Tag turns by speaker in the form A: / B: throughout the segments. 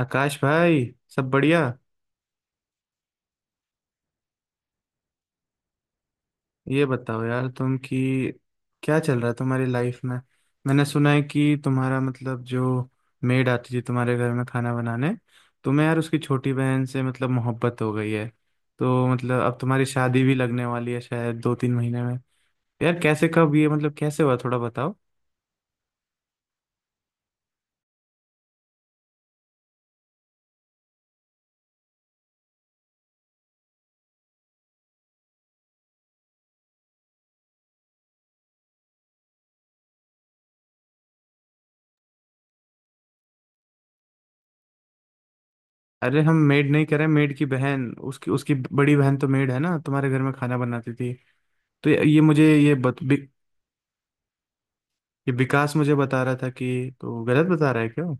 A: आकाश भाई। सब बढ़िया। ये बताओ यार तुम कि क्या चल रहा है तुम्हारी लाइफ में। मैंने सुना है कि तुम्हारा मतलब जो मेड आती थी तुम्हारे घर में खाना बनाने, तुम्हें यार उसकी छोटी बहन से मतलब मोहब्बत हो गई है। तो मतलब अब तुम्हारी शादी भी लगने वाली है शायद 2-3 महीने में। यार कैसे, कब, ये मतलब कैसे हुआ, थोड़ा बताओ। अरे हम मेड नहीं करें, मेड की बहन, उसकी उसकी बड़ी बहन तो मेड है ना, तुम्हारे घर में खाना बनाती थी। तो ये मुझे ये विकास मुझे बता रहा था कि, तो गलत बता रहा है क्या वो?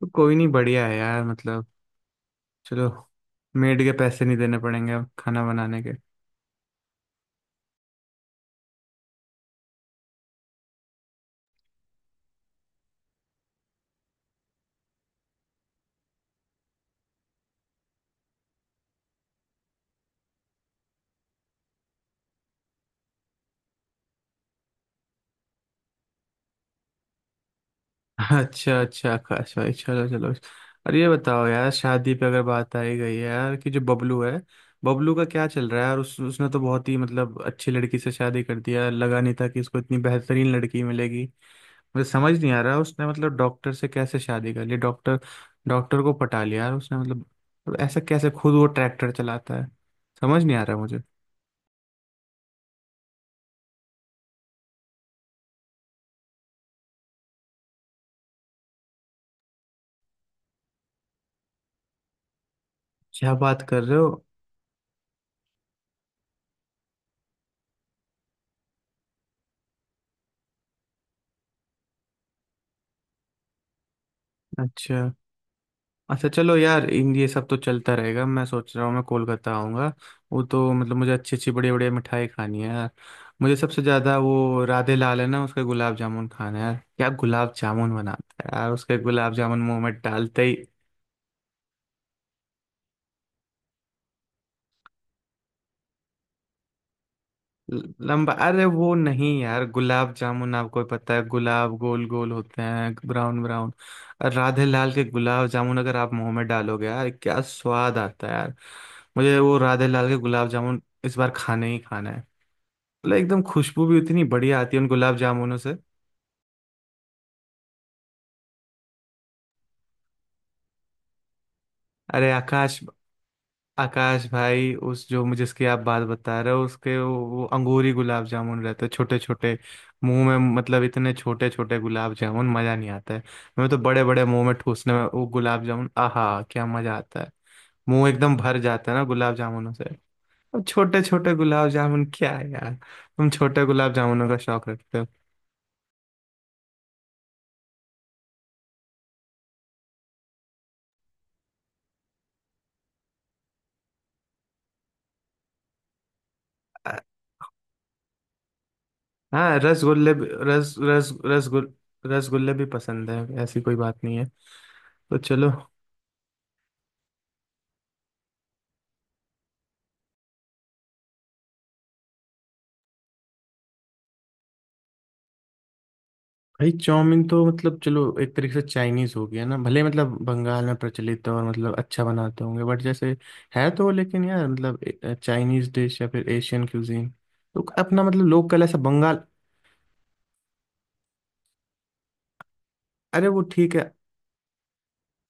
A: तो कोई नहीं, बढ़िया है यार मतलब। चलो, मेड के पैसे नहीं देने पड़ेंगे अब खाना बनाने के अच्छा अच्छा आकाश भाई, चलो चलो। अरे ये बताओ यार, शादी पे अगर बात आई गई है यार कि जो बबलू है, बबलू का क्या चल रहा है। और उसने तो बहुत ही मतलब अच्छी लड़की से शादी कर दिया, लगा नहीं था कि इसको इतनी बेहतरीन लड़की मिलेगी। मुझे समझ नहीं आ रहा, उसने मतलब डॉक्टर से कैसे शादी कर ली। डॉक्टर डॉक्टर को पटा लिया यार उसने, मतलब, मतलब ऐसा कैसे, खुद वो ट्रैक्टर चलाता है, समझ नहीं आ रहा मुझे। क्या बात कर रहे हो। अच्छा, अच्छा चलो यार, इन ये सब तो चलता रहेगा, मैं सोच रहा हूँ मैं कोलकाता आऊँगा। वो तो मतलब मुझे अच्छी अच्छी बड़ी बड़ी मिठाई खानी है यार। मुझे सबसे ज़्यादा वो राधे लाल है ना, उसके गुलाब जामुन खाना है यार, क्या गुलाब जामुन बनाता है यार, उसके गुलाब जामुन मुंह में डालते ही। लंबा, अरे वो नहीं यार, गुलाब जामुन आपको भी पता है, गुलाब गोल गोल होते हैं, ब्राउन ब्राउन। और राधे लाल के गुलाब जामुन अगर आप मुंह में डालोगे यार, क्या स्वाद आता है यार। मुझे वो राधे लाल के गुलाब जामुन इस बार खाने ही खाना है। मतलब एकदम खुशबू भी उतनी बढ़िया आती है उन गुलाब जामुनों से। अरे आकाश, आकाश भाई, उस जो मुझे जिसकी आप बात बता रहे हो, उसके वो अंगूरी गुलाब जामुन रहते छोटे छोटे। मुंह में मतलब इतने छोटे छोटे गुलाब जामुन, मजा नहीं आता है। मैं तो बड़े बड़े मुंह में ठूसने में, वो गुलाब जामुन आहा, क्या मजा आता है, मुंह एकदम भर जाता है ना गुलाब जामुनों से। अब छोटे छोटे गुलाब जामुन क्या है यार, तुम छोटे गुलाब जामुनों का शौक रखते हो। अ, हाँ, रसगुल्ले भी- रस रस रसगुल रसगुल्ले भी पसंद है, ऐसी कोई बात नहीं है। तो चलो। भाई चाउमीन तो मतलब चलो, एक तरीके से चाइनीज हो गया ना, भले मतलब बंगाल में प्रचलित है और मतलब अच्छा बनाते होंगे, बट जैसे है तो, लेकिन यार मतलब चाइनीज डिश या फिर एशियन क्यूजीन, तो अपना मतलब लोग कल ऐसा बंगाल। अरे वो ठीक है।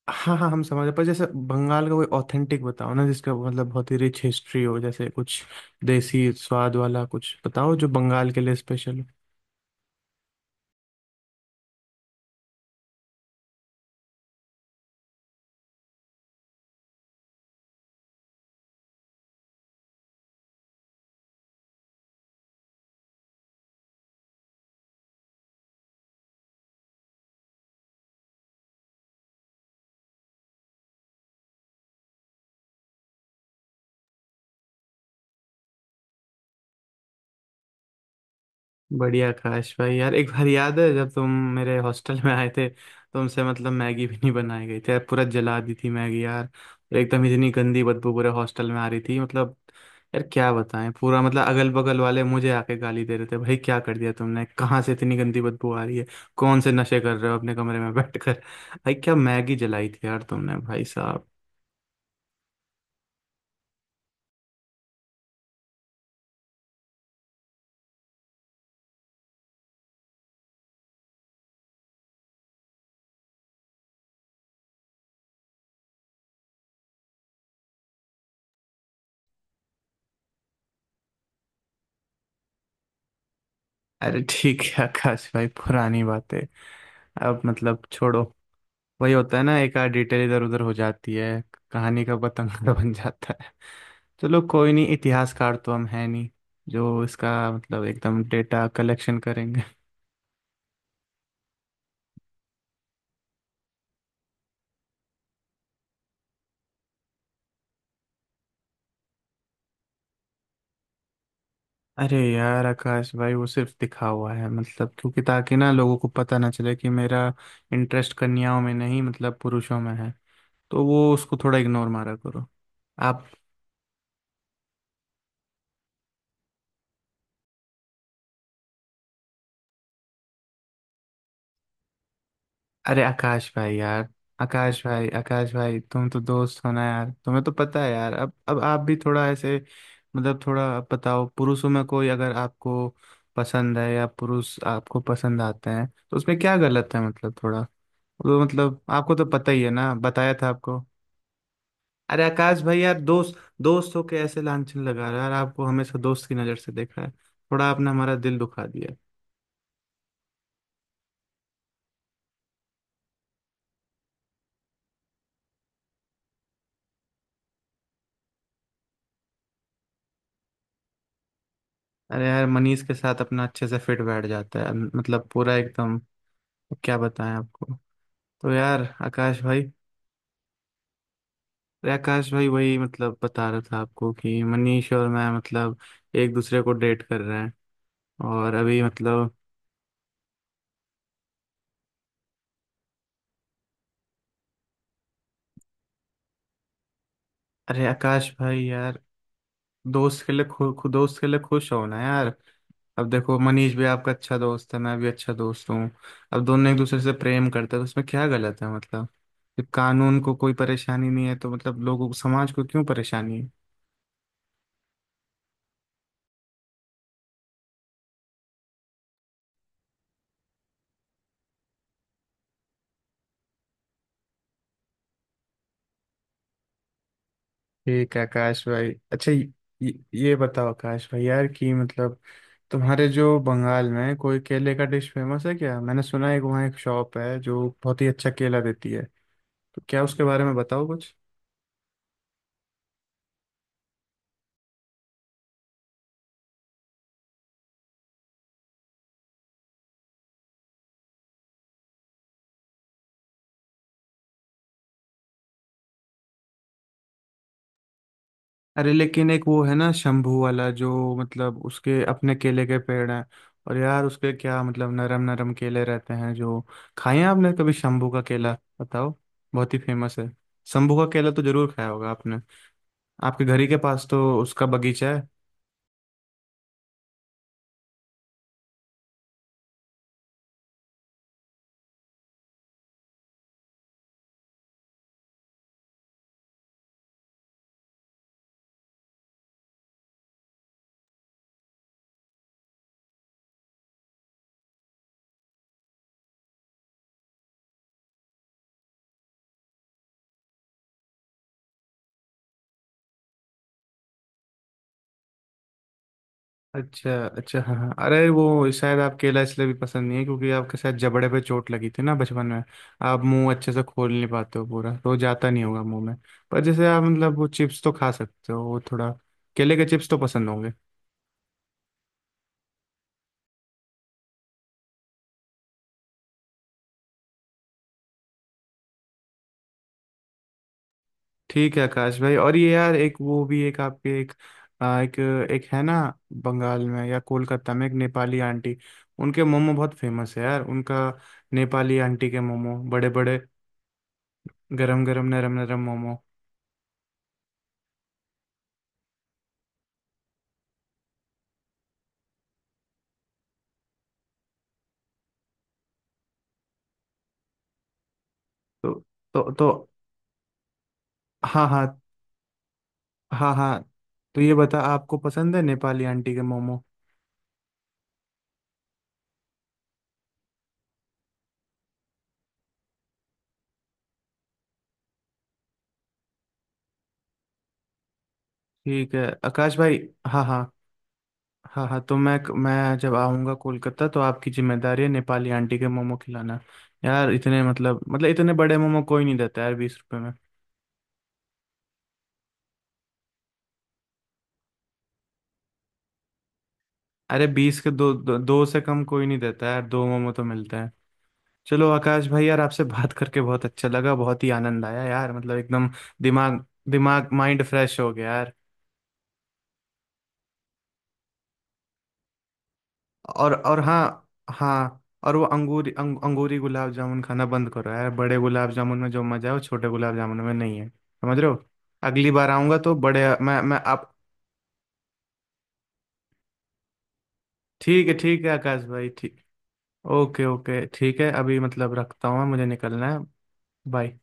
A: हाँ हाँ हम समझ रहे हैं, पर जैसे बंगाल का कोई ऑथेंटिक बताओ ना जिसका मतलब बहुत ही रिच हिस्ट्री हो, जैसे कुछ देसी स्वाद वाला कुछ बताओ जो बंगाल के लिए स्पेशल। बढ़िया काश भाई, यार एक बार याद है जब तुम मेरे हॉस्टल में आए थे, तुमसे मतलब मैगी भी नहीं बनाई गई थी यार, पूरा जला दी थी मैगी यार, और एकदम इतनी गंदी बदबू पूरे हॉस्टल में आ रही थी, मतलब यार क्या बताएं, पूरा मतलब अगल बगल वाले मुझे आके गाली दे रहे थे भाई, क्या कर दिया तुमने, कहाँ से इतनी गंदी बदबू आ रही है, कौन से नशे कर रहे हो अपने कमरे में बैठ कर, भाई क्या मैगी जलाई थी यार तुमने भाई साहब। अरे ठीक है आकाश भाई, पुरानी बातें अब मतलब छोड़ो, वही होता है ना, एक आध डिटेल इधर उधर हो जाती है, कहानी का पतंग बन जाता है। चलो कोई नहीं, इतिहासकार तो हम है नहीं जो इसका मतलब एकदम डेटा कलेक्शन करेंगे। अरे यार आकाश भाई, वो सिर्फ दिखा हुआ है मतलब, क्योंकि ताकि ना लोगों को पता ना चले कि मेरा इंटरेस्ट कन्याओं में नहीं मतलब पुरुषों में है, तो वो उसको थोड़ा इग्नोर मारा करो। आप। अरे आकाश भाई यार, आकाश भाई, आकाश भाई, तुम तो दोस्त हो ना यार, तुम्हें तो पता है यार, अब आप भी थोड़ा ऐसे, मतलब थोड़ा, अब बताओ, पुरुषों में कोई अगर आपको पसंद है या पुरुष आपको पसंद आते हैं तो उसमें क्या गलत है मतलब थोड़ा। तो मतलब आपको तो पता ही है ना, बताया था आपको। अरे आकाश भाई यार, दोस्त दोस्त हो के ऐसे लांछन लगा रहा है यार, आपको हमेशा दोस्त की नज़र से देखा है, थोड़ा आपने हमारा दिल दुखा दिया। अरे यार मनीष के साथ अपना अच्छे से फिट बैठ जाता है मतलब पूरा एकदम। तो क्या बताएं आपको। तो यार आकाश भाई। अरे आकाश भाई, वही मतलब बता रहा था आपको कि मनीष और मैं मतलब एक दूसरे को डेट कर रहे हैं, और अभी मतलब। अरे आकाश भाई यार, दोस्त के लिए खुश हो ना यार, अब देखो मनीष भी आपका अच्छा दोस्त है, मैं भी अच्छा दोस्त हूँ, अब दोनों एक दूसरे से प्रेम करते हैं तो उसमें क्या गलत है मतलब। जब कानून को कोई परेशानी नहीं है तो मतलब लोगों को, समाज को क्यों परेशानी है। ठीक है आकाश भाई, अच्छा ये बताओ आकाश भाई यार कि मतलब, तुम्हारे जो बंगाल में कोई केले का डिश फेमस है क्या, मैंने सुना है कि वहाँ एक शॉप है जो बहुत ही अच्छा केला देती है, तो क्या उसके बारे में बताओ कुछ। अरे लेकिन एक वो है ना शंभू वाला, जो मतलब उसके अपने केले के पेड़ हैं और यार उसके क्या मतलब नरम नरम केले रहते हैं जो। खाए हैं आपने कभी शंभू का केला बताओ, बहुत ही फेमस है। शंभू का केला तो जरूर खाया होगा आपने, आपके घर ही के पास तो उसका बगीचा है। अच्छा अच्छा, हाँ हाँ। अरे वो शायद आप केला इसलिए भी पसंद नहीं है क्योंकि आपके शायद जबड़े पे चोट लगी थी ना बचपन में, आप मुंह अच्छे से खोल नहीं पाते हो, पूरा तो जाता नहीं होगा मुंह में। पर जैसे आप मतलब वो चिप्स तो खा सकते हो, वो थोड़ा केले के चिप्स तो पसंद होंगे। ठीक है आकाश भाई, और ये यार, एक वो भी एक आपके एक एक एक है ना, बंगाल में या कोलकाता में एक नेपाली आंटी, उनके मोमो बहुत फेमस है यार उनका, नेपाली आंटी के मोमो, बड़े बड़े, गरम गरम नरम नरम मोमो। तो तो। हाँ हाँ। हाँ हाँ तो ये बता, आपको पसंद है नेपाली आंटी के मोमो। ठीक है आकाश भाई। हाँ हाँ। हाँ हाँ तो मैं जब आऊँगा कोलकाता तो आपकी जिम्मेदारी है नेपाली आंटी के मोमो खिलाना यार। इतने मतलब इतने बड़े मोमो कोई नहीं देता यार 20 रुपए में। अरे 20 के दो, दो से कम कोई नहीं देता यार, दो मोमो तो मिलते हैं। चलो आकाश भाई यार, आपसे बात करके बहुत अच्छा लगा, बहुत ही आनंद आया यार मतलब एकदम, दिमाग, माइंड फ्रेश हो गया यार। और हाँ। हाँ और वो अंगूरी अंगूरी गुलाब जामुन खाना बंद करो यार, बड़े गुलाब जामुन में जो मजा है वो छोटे गुलाब जामुन में नहीं है, समझ रहे हो। अगली बार आऊंगा तो बड़े, मैं आप। ठीक है, ठीक है आकाश भाई, ठीक। ओके ओके ठीक है, अभी मतलब रखता हूँ मैं, मुझे निकलना है। बाय।